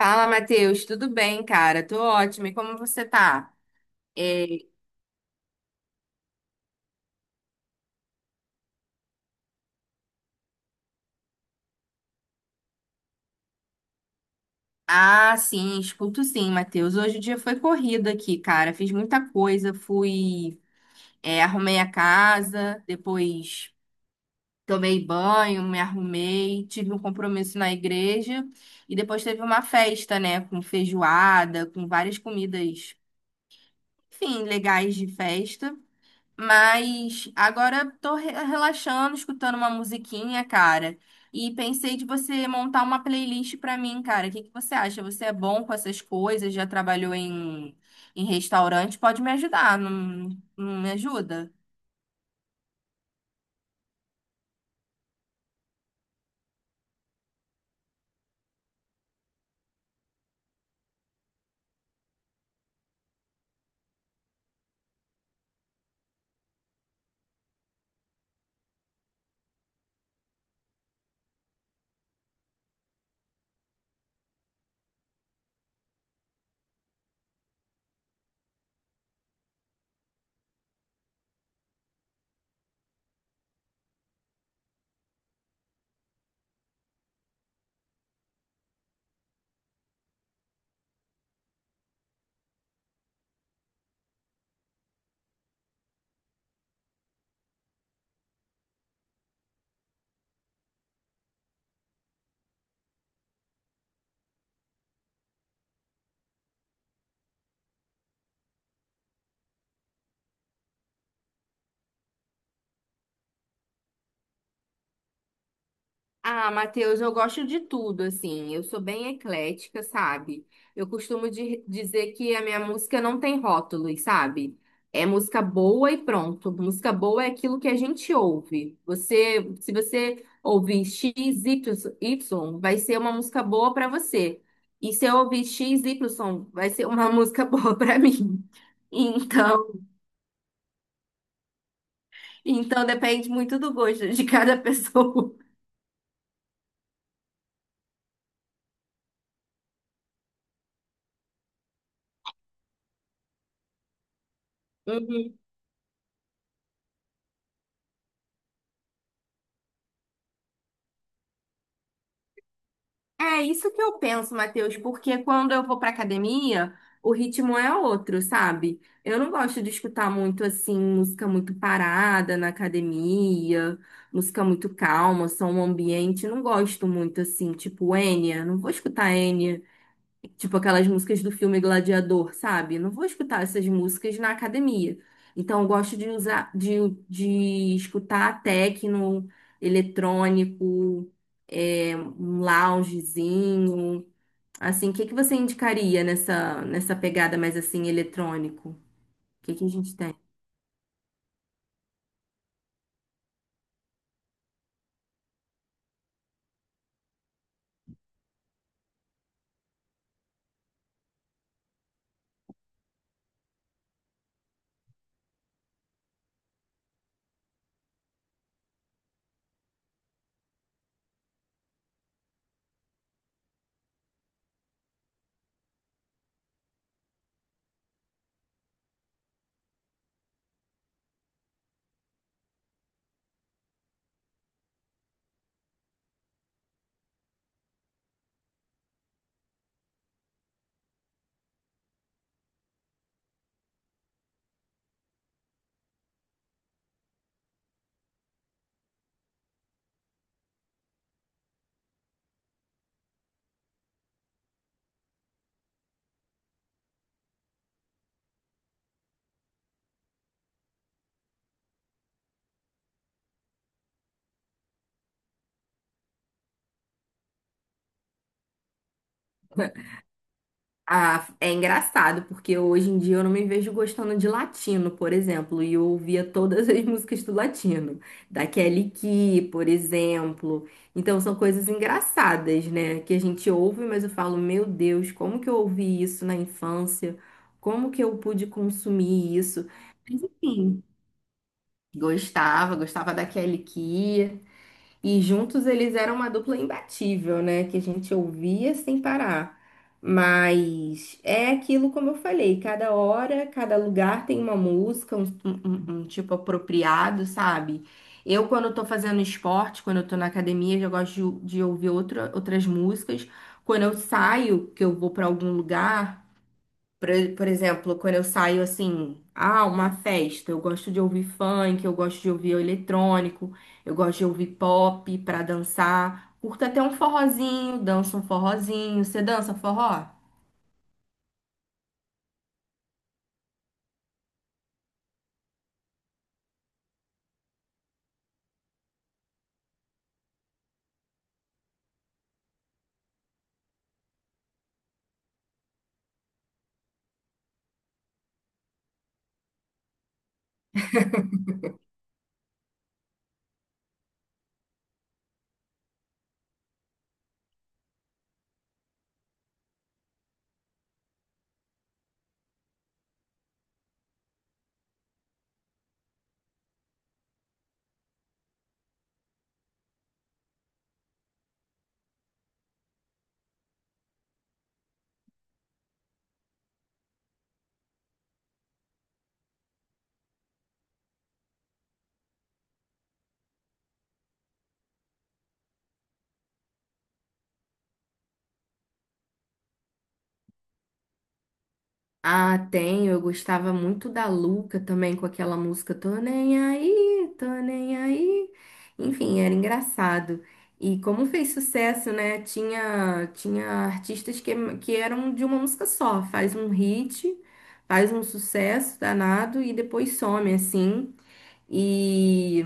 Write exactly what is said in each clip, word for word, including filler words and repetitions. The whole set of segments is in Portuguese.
Fala, Matheus, tudo bem, cara? Tô ótima. E como você tá? É, Ah, sim, escuto sim, Matheus. Hoje o dia foi corrido aqui, cara. Fiz muita coisa, fui, é, arrumei a casa, depois tomei banho, me arrumei, tive um compromisso na igreja e depois teve uma festa, né, com feijoada, com várias comidas, enfim, legais de festa. Mas agora tô re- relaxando, escutando uma musiquinha, cara. E pensei de você montar uma playlist pra mim, cara. O que que você acha? Você é bom com essas coisas? Já trabalhou em, em restaurante? Pode me ajudar, não, não me ajuda? Ah, Matheus, eu gosto de tudo, assim. Eu sou bem eclética, sabe? Eu costumo di- dizer que a minha música não tem rótulos, sabe? É música boa e pronto. Música boa é aquilo que a gente ouve. Você, se você ouvir X, Y, Y, vai ser uma música boa pra você. E se eu ouvir X, Y, vai ser uma música boa pra mim. Então, então depende muito do gosto de cada pessoa. É isso que eu penso, Matheus, porque quando eu vou pra academia, o ritmo é outro, sabe? Eu não gosto de escutar muito assim, música muito parada na academia, música muito calma, som ambiente, não gosto muito assim, tipo Enya, não vou escutar. Tipo aquelas músicas do filme Gladiador, sabe? Não vou escutar essas músicas na academia. Então, eu gosto de usar, de, de escutar techno, eletrônico, é, um loungezinho. Assim, o que que você indicaria nessa, nessa pegada mais assim, eletrônico? O que que a gente tem? Ah, é engraçado, porque hoje em dia eu não me vejo gostando de latino, por exemplo, e eu ouvia todas as músicas do latino, da Kelly Key, por exemplo. Então são coisas engraçadas, né? Que a gente ouve, mas eu falo, meu Deus, como que eu ouvi isso na infância? Como que eu pude consumir isso? Sim, gostava, gostava da Kelly Key. E juntos eles eram uma dupla imbatível, né? Que a gente ouvia sem parar. Mas é aquilo como eu falei, cada hora, cada lugar tem uma música, um, um- um um tipo apropriado, sabe? Eu, quando eu tô fazendo esporte, quando eu tô na academia, eu gosto de, de ouvir outra, outras músicas. Quando eu saio, que eu vou para algum lugar. Por, por exemplo, quando eu saio assim, ah, uma festa, eu gosto de ouvir funk, eu gosto de ouvir eletrônico, eu gosto de ouvir pop pra dançar. Curto até um forrozinho, danço um forrozinho. Você dança forró? Ah, tem. Eu gostava muito da Luca também, com aquela música Tô nem aí, tô nem aí. Enfim, era engraçado. E como fez sucesso, né? Tinha, tinha artistas que, que eram de uma música só. Faz um hit, faz um sucesso danado e depois some, assim. e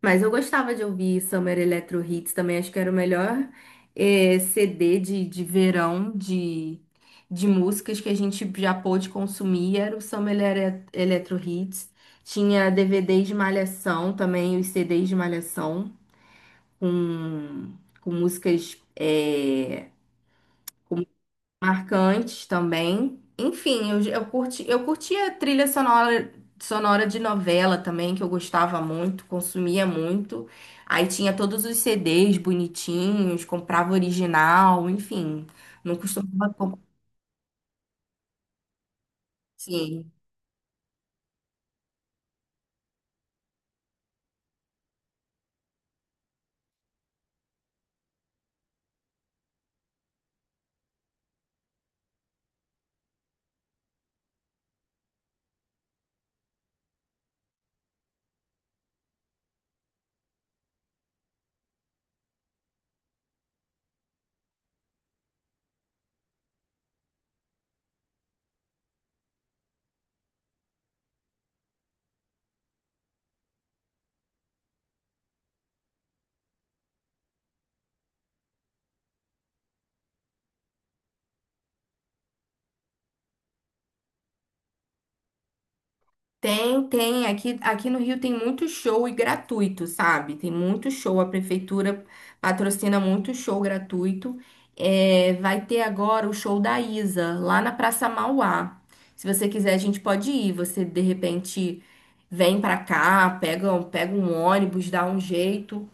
mas eu gostava de ouvir Summer Electro Hits também, acho que era o melhor eh, C D de, de verão de, de músicas que a gente já pôde consumir, era o Summer Ele- Electro Hits. Tinha D V Ds de Malhação também, os C Ds de Malhação, com, com músicas, eh, com marcantes também. Enfim, eu, eu curti, eu curtia trilha sonora, sonora de novela também, que eu gostava muito, consumia muito. Aí tinha todos os C Ds bonitinhos, comprava original, enfim. Não costumava comprar. Tem, tem. Aqui, aqui no Rio tem muito show e gratuito, sabe? Tem muito show. A prefeitura patrocina muito show gratuito. É, vai ter agora o show da Isa, lá na Praça Mauá. Se você quiser, a gente pode ir. Você, de repente, vem pra cá, pega, um- pega um ônibus, dá um jeito.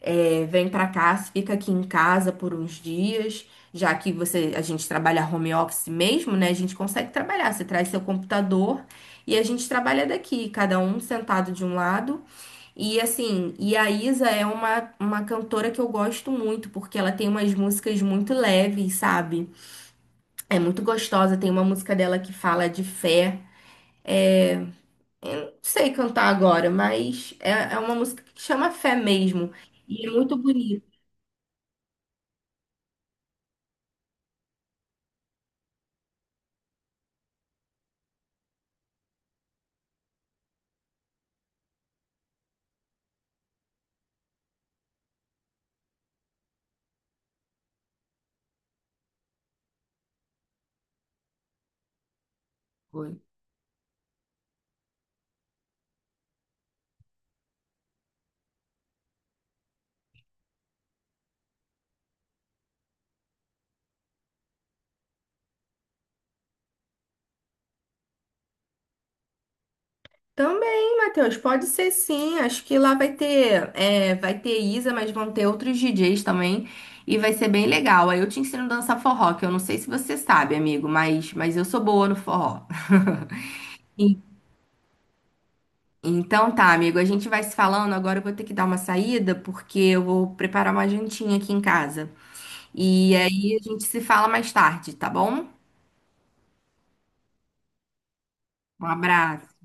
É, vem para cá, fica aqui em casa por uns dias, já que você, a gente trabalha home office mesmo, né? A gente consegue trabalhar. Você traz seu computador e a gente trabalha daqui, cada um sentado de um lado. E assim, e a Isa é uma, uma cantora que eu gosto muito, porque ela tem umas músicas muito leves, sabe? É muito gostosa. Tem uma música dela que fala de fé. Eu não sei cantar agora, mas é, é uma música que chama Fé mesmo. E é muito bonito. Também, Matheus, pode ser sim. Acho que lá vai ter, é, vai ter Isa, mas vão ter outros D Js também. E vai ser bem legal. Aí eu te ensino a dançar forró, que eu não sei se você sabe, amigo, mas, mas eu sou boa no forró. Sim. Então tá, amigo, a gente vai se falando. Agora eu vou ter que dar uma saída, porque eu vou preparar uma jantinha aqui em casa. E aí a gente se fala mais tarde, tá bom? Um abraço.